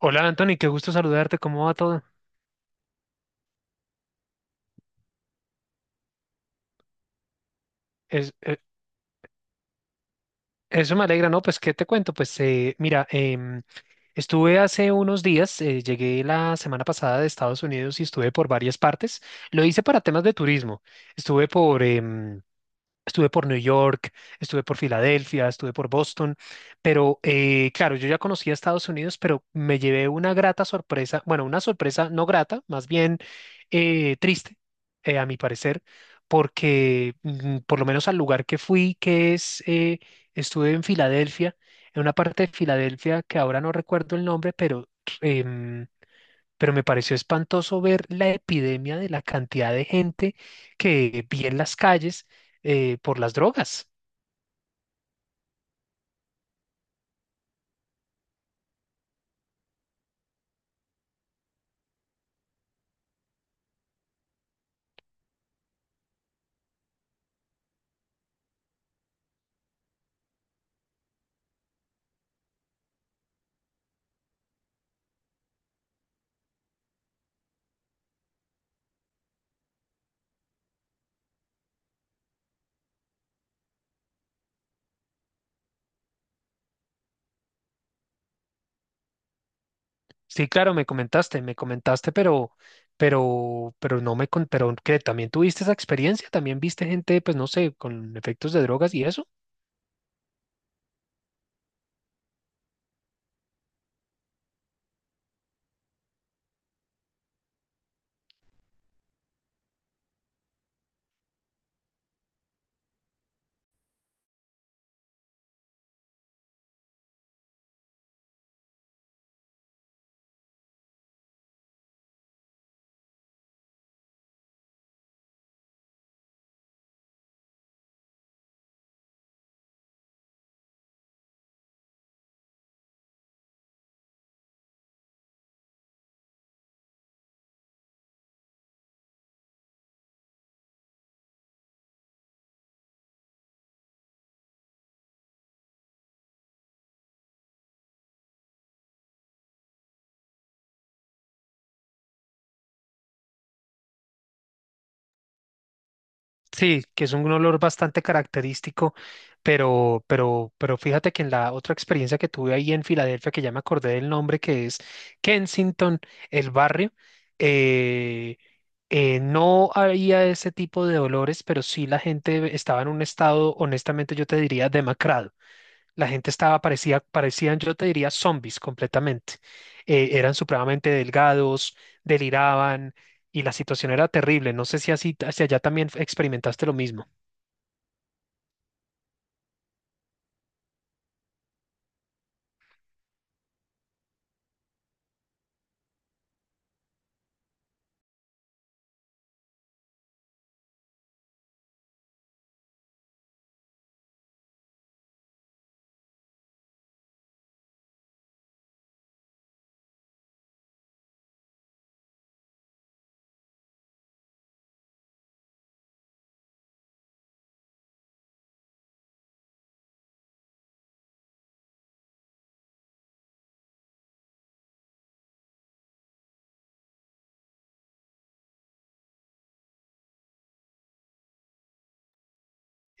Hola Anthony, qué gusto saludarte, ¿cómo va todo? Es- eh, Eso me alegra, ¿no? Pues, ¿qué te cuento? Pues, mira, estuve hace unos días, llegué la semana pasada de Estados Unidos y estuve por varias partes. Lo hice para temas de turismo. Estuve por, estuve por New York, estuve por Filadelfia, estuve por Boston, pero claro, yo ya conocía Estados Unidos, pero me llevé una grata sorpresa, bueno, una sorpresa no grata, más bien triste, a mi parecer, porque por lo menos al lugar que fui, que es, estuve en Filadelfia, en una parte de Filadelfia que ahora no recuerdo el nombre, pero em, pero me pareció espantoso ver la epidemia de la cantidad de gente que vi en las calles por las drogas. Sí, claro, me comentaste, pero no me, pero que también tuviste esa experiencia, también viste gente, pues no sé, con efectos de drogas y eso. Sí, que es un olor bastante característico, pero fíjate que en la otra experiencia que tuve ahí en Filadelfia, que ya me acordé del nombre, que es Kensington, el barrio, eh, no había ese tipo de olores, pero sí la gente estaba en un estado, honestamente yo te diría, demacrado. La gente estaba, parecía, parecían, yo te diría, zombies completamente. Eran supremamente delgados, deliraban y la situación era terrible. No sé si así, hacia allá también experimentaste lo mismo.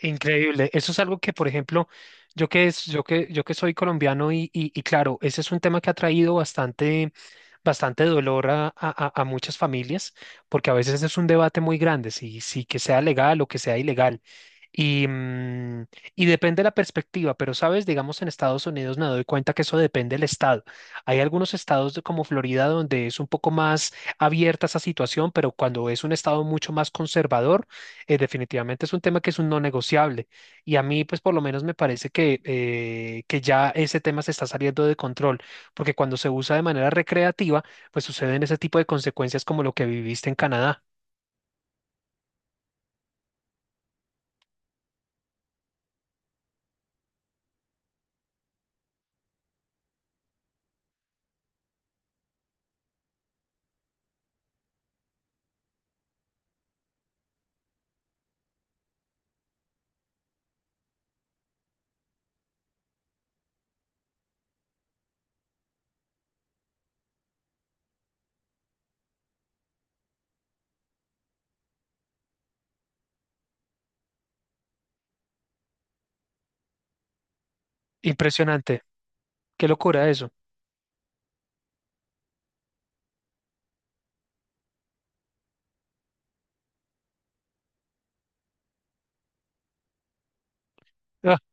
Increíble. Eso es algo que, por ejemplo, yo que, es, yo que soy colombiano y claro, ese es un tema que ha traído bastante dolor a muchas familias, porque a veces es un debate muy grande, si que sea legal o que sea ilegal. Y, mm, y depende de la perspectiva, pero sabes, digamos en Estados Unidos me doy cuenta que eso depende del estado. Hay algunos como Florida donde es un poco más abierta esa situación, pero cuando es un estado mucho más conservador, definitivamente es un tema que es un no negociable. Y a mí, pues por lo menos me parece que ya ese tema se está saliendo de control porque cuando se usa de manera recreativa, pues suceden ese tipo de consecuencias como lo que viviste en Canadá. Impresionante. Qué locura eso.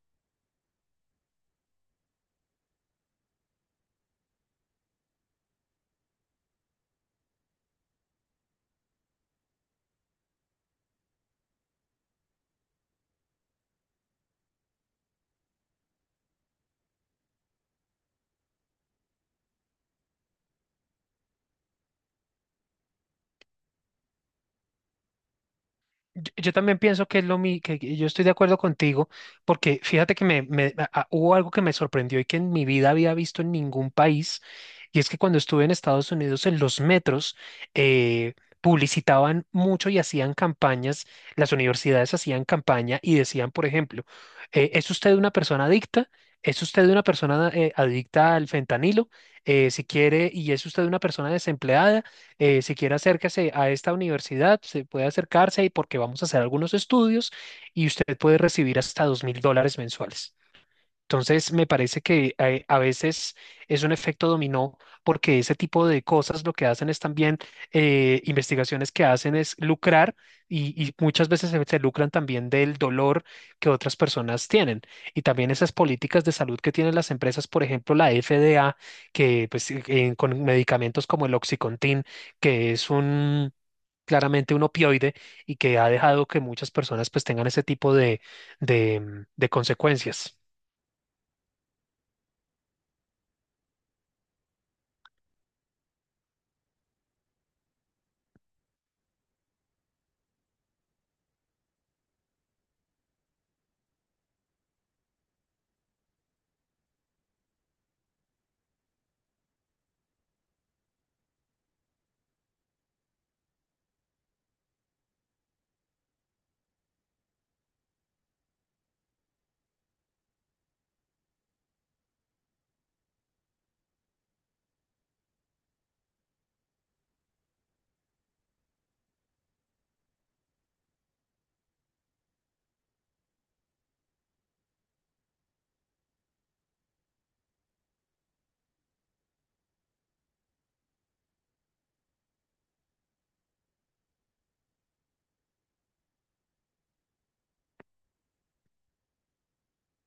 Yo también pienso que es lo mi, que yo estoy de acuerdo contigo, porque fíjate que hubo algo que me sorprendió y que en mi vida había visto en ningún país, y es que cuando estuve en Estados Unidos en los metros, eh, publicitaban mucho y hacían campañas, las universidades hacían campaña y decían, por ejemplo, ¿es usted una persona adicta? ¿Es usted una persona adicta al fentanilo? Si quiere, ¿y es usted una persona desempleada? Si quiere acérquese a esta universidad, se puede acercarse y porque vamos a hacer algunos estudios y usted puede recibir hasta 2000 dólares mensuales. Entonces, me parece que a veces es un efecto dominó porque ese tipo de cosas lo que hacen es también investigaciones que hacen es lucrar y muchas veces se lucran también del dolor que otras personas tienen. Y también esas políticas de salud que tienen las empresas, por ejemplo, la FDA, que pues, con medicamentos como el Oxycontin, que es un claramente un opioide y que ha dejado que muchas personas pues tengan ese tipo de consecuencias.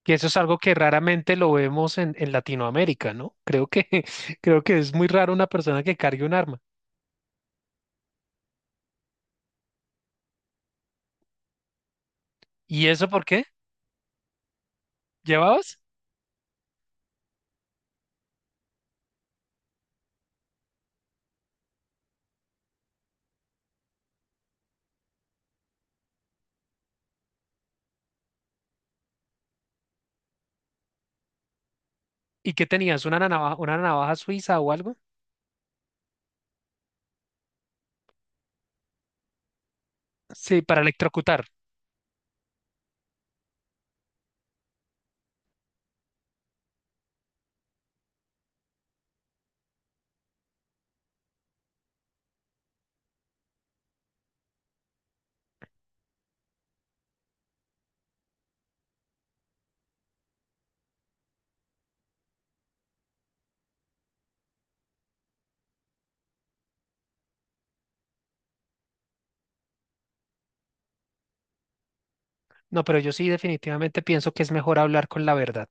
Que eso es algo que raramente lo vemos en Latinoamérica, ¿no? Creo que, creo que es muy raro una persona que cargue un arma. ¿Y eso por qué? ¿Llevabas? ¿Y qué tenías? Una navaja suiza o algo? Sí, para electrocutar. No, pero yo sí definitivamente pienso que es mejor hablar con la verdad.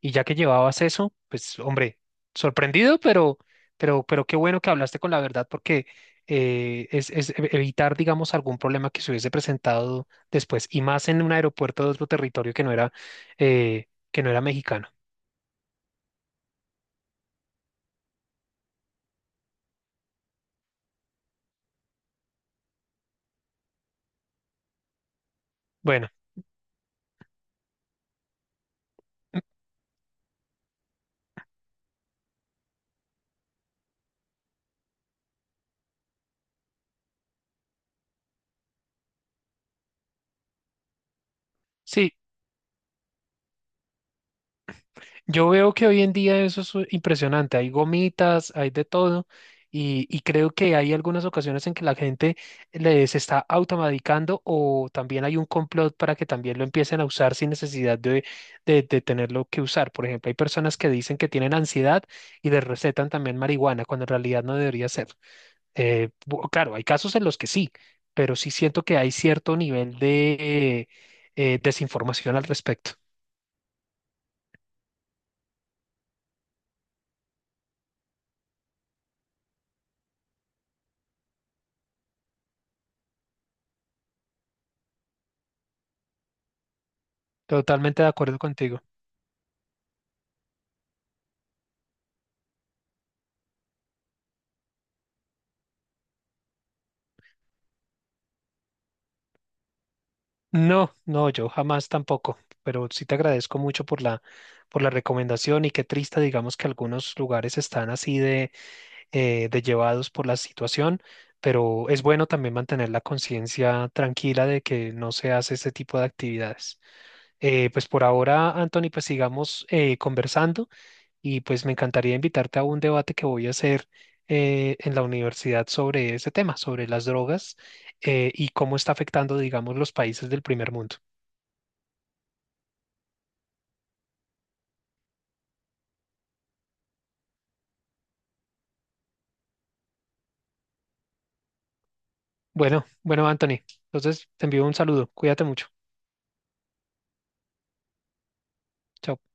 Y ya que llevabas eso, pues hombre, sorprendido, pero, pero qué bueno que hablaste con la verdad porque evitar, digamos, algún problema que se hubiese presentado después y más en un aeropuerto de otro territorio que no era mexicano. Bueno, sí, yo veo que hoy en día eso es impresionante. Hay gomitas, hay de todo, y creo que hay algunas ocasiones en que la gente se está automedicando o también hay un complot para que también lo empiecen a usar sin necesidad de tenerlo que usar. Por ejemplo, hay personas que dicen que tienen ansiedad y les recetan también marihuana, cuando en realidad no debería ser. Claro, hay casos en los que sí, pero sí siento que hay cierto nivel de desinformación al respecto. Totalmente de acuerdo contigo. No, no, yo jamás tampoco, pero sí te agradezco mucho por la recomendación y qué triste, digamos que algunos lugares están así de llevados por la situación, pero es bueno también mantener la conciencia tranquila de que no se hace este tipo de actividades. Pues por ahora, Anthony, pues sigamos conversando y pues me encantaría invitarte a un debate que voy a hacer en la universidad sobre ese tema, sobre las drogas y cómo está afectando, digamos, los países del primer mundo. Bueno, bueno, Anthony. Entonces te envío un saludo. Cuídate mucho. Chao.